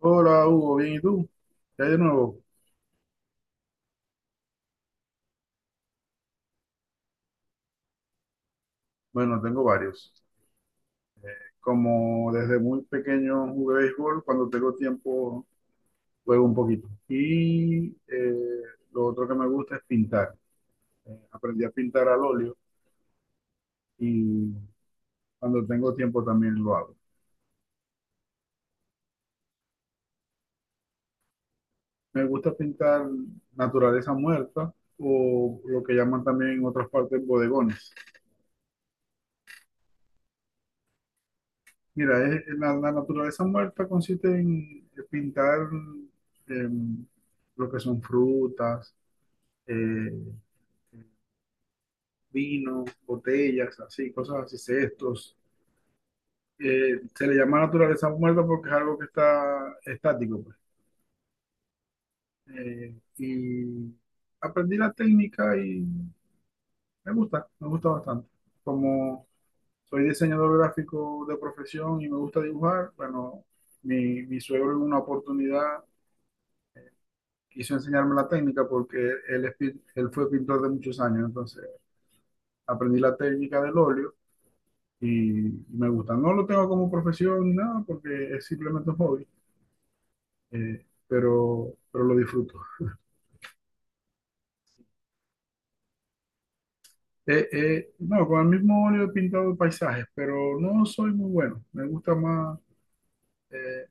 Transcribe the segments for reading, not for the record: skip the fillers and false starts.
Hola Hugo, bien, ¿y tú? ¿Qué hay de nuevo? Bueno, tengo varios. Como desde muy pequeño jugué béisbol, cuando tengo tiempo juego un poquito. Lo otro que me gusta es pintar. Aprendí a pintar al óleo y cuando tengo tiempo también lo hago. Me gusta pintar naturaleza muerta o lo que llaman también en otras partes bodegones. Mira, la naturaleza muerta consiste en pintar em, lo que son frutas, eh, vino, botellas, así, cosas así, cestos. Se le llama naturaleza muerta porque es algo que está estático, pues. Eh, y aprendí la técnica y me gusta bastante. Como soy diseñador gráfico de profesión y me gusta dibujar, bueno, mi suegro en una oportunidad quiso enseñarme la técnica porque él, él fue pintor de muchos años, entonces aprendí la técnica del óleo y, me gusta. No lo tengo como profesión ni nada porque es simplemente un hobby, pero lo disfruto. No, con el mismo óleo he pintado paisajes, pero no soy muy bueno. Me gusta más eh,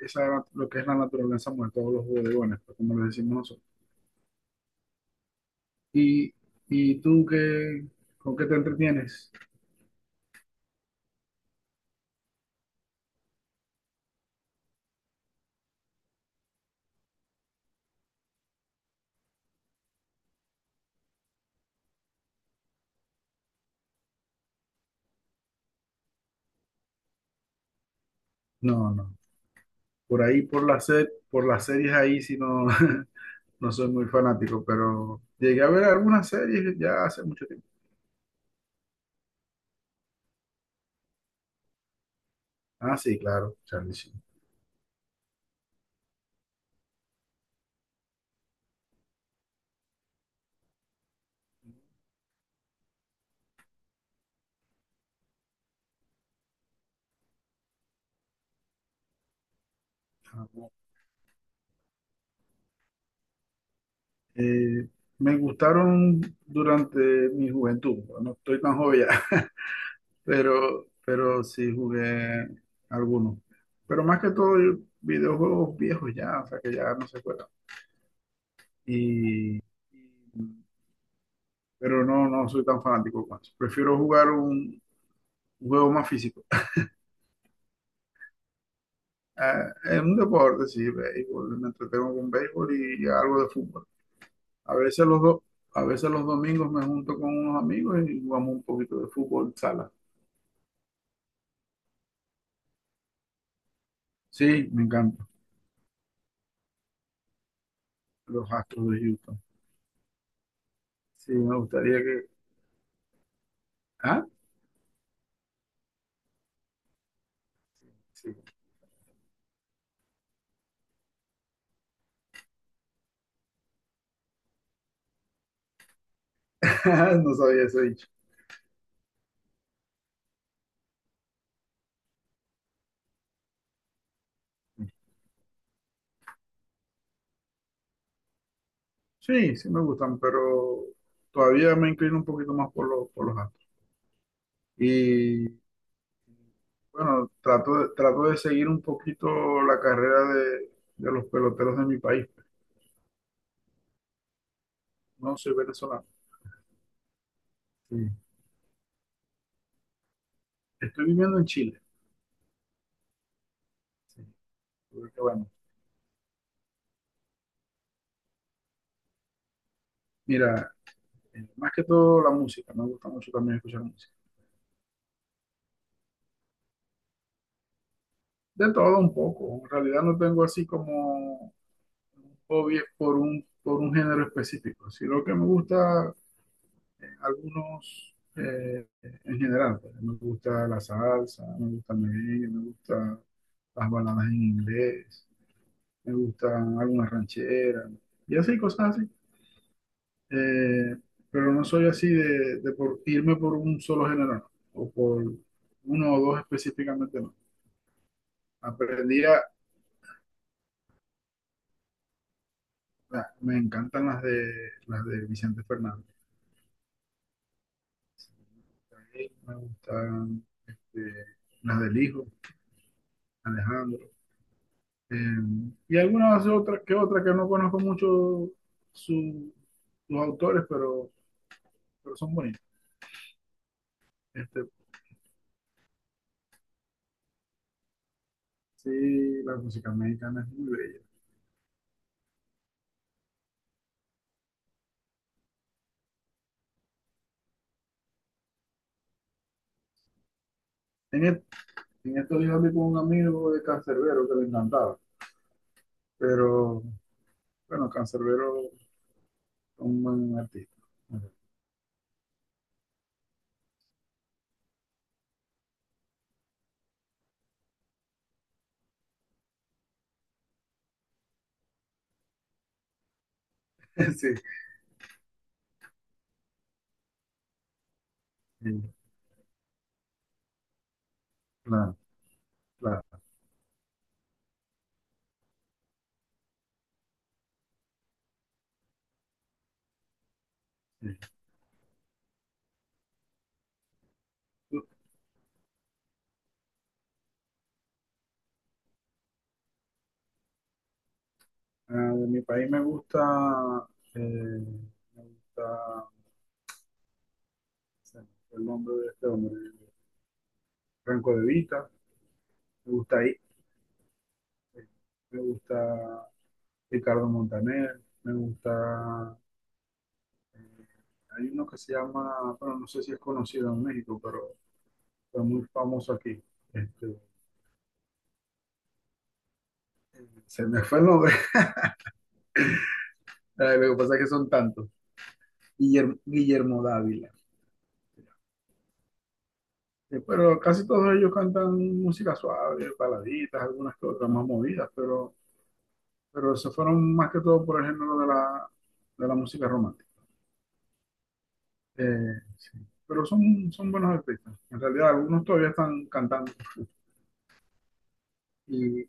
esa, lo que es la naturaleza muerta, todos los bodegones, pues, como le decimos nosotros. ¿Y, y tú qué, con qué te entretienes? No, no. Por ahí, por las series ahí, si no, no soy muy fanático, pero llegué a ver algunas series ya hace mucho tiempo. Ah, sí, claro, Charlie Sheen. Ah, bueno. Eh, Me gustaron durante mi juventud, no. No estoy tan joven ya, pero sí jugué algunos. Pero más que todo, videojuegos viejos ya, o sea que ya no se juegan. Y, y- pero no, no soy tan fanático, pues. Prefiero jugar un juego más físico. Eh, es un deporte, sí, béisbol. Me entretengo con béisbol y algo de fútbol. A veces los do- a veces los domingos me junto con unos amigos y jugamos un poquito de fútbol sala. Sí, me encanta. Los Astros de Houston. Sí, me gustaría que. ¿Ah? Sí. No sabía ese dicho. Sí, sí me gustan, pero todavía me inclino un poquito más por los Astros. Y bueno, trato de seguir un poquito la carrera de los peloteros de mi país. No soy venezolano. Sí. Estoy viviendo en Chile. Sí. Porque, bueno, mira, más que todo la música, me gusta mucho también escuchar música. De todo un poco, en realidad no tengo así como un hobby por un género específico. Sí, lo que me gusta algunos en general, pues. Me gusta la salsa, me gusta el merengue, me gusta las baladas en inglés, me gustan algunas rancheras, y así cosas. Eh, pero no soy así de por irme por un solo género, no, o por uno o dos específicamente, no. Aprendí a, me encantan las de Vicente Fernández, me gustan eh, las del hijo, Alejandro, eh, y algunas otras que no conozco mucho su- sus autores, pero son bonitas. Este, sí, la música mexicana es muy bella. En, et- en estos días hablé con un amigo de Canserbero que le encantaba. Pero bueno, Cancerbero es un buen artista. Sí, sí, claro, claro. Sí. Ah, de mi país me gusta, eh, me gusta, se me el nombre de este hombre, Franco De Vita, me gusta ahí, eh, me gusta Ricardo Montaner, me gusta, eh, hay uno que se llama, bueno, no sé si es conocido en México, pero fue muy famoso aquí. Este, se me fue el nombre, Lo que pasa es que son tantos. Guillermo, Guillermo Dávila. Pero casi todos ellos cantan música suave, baladitas, algunas que otras más movidas, pero se fueron más que todo por el género de la música romántica. Sí. Pero son, son buenos artistas. En realidad, algunos todavía están cantando. Y,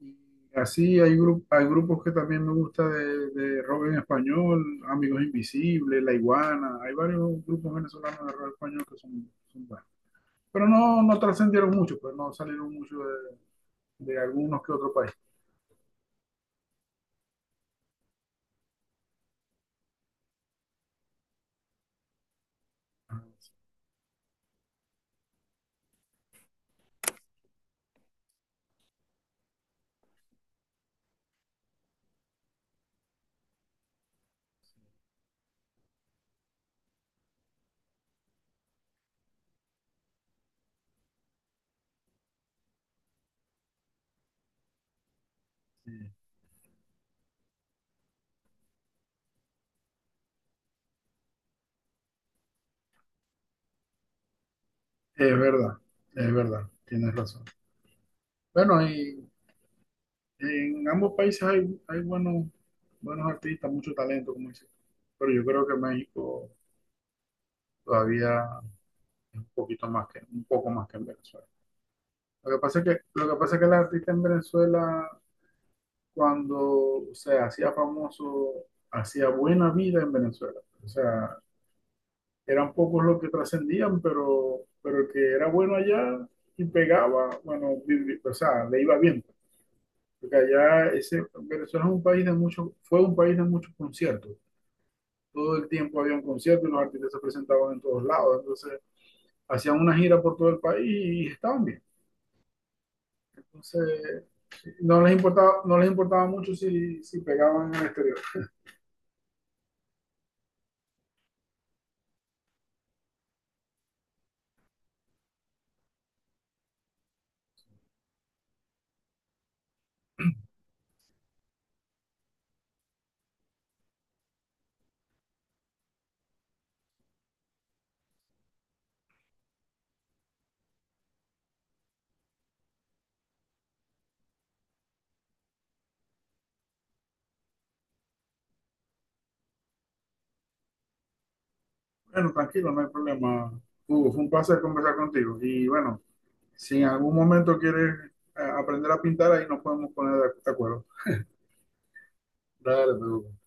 hay grupos que también me gusta de rock en español, Amigos Invisibles, La Iguana. Hay varios grupos venezolanos de rock español que son, son buenos. Pero no, no trascendieron mucho, pues no salieron mucho de algunos que otro país. Sí, es verdad, es verdad, tienes razón. Bueno, y en ambos países hay, hay buenos, buenos artistas, mucho talento, como dices tú. Pero yo creo que México todavía es un poquito más que, un poco más que en Venezuela. Lo que pasa es que, lo que pasa es que el artista en Venezuela, cuando se hacía famoso, hacía buena vida en Venezuela. O sea, eran pocos los que trascendían, pero el que era bueno allá y pegaba, bueno, o sea, le iba bien. Porque allá ese, Venezuela es un país de muchos, fue un país de muchos conciertos. Todo el tiempo había un concierto y los artistas se presentaban en todos lados. Entonces, hacían una gira por todo el país y estaban bien. Entonces, no les importaba, no les importaba mucho si, si pegaban en el exterior. Bueno, tranquilo, no hay problema. Hugo, fue un placer conversar contigo. Y bueno, si en algún momento quieres aprender a pintar, ahí nos podemos poner de acuerdo. Dale, me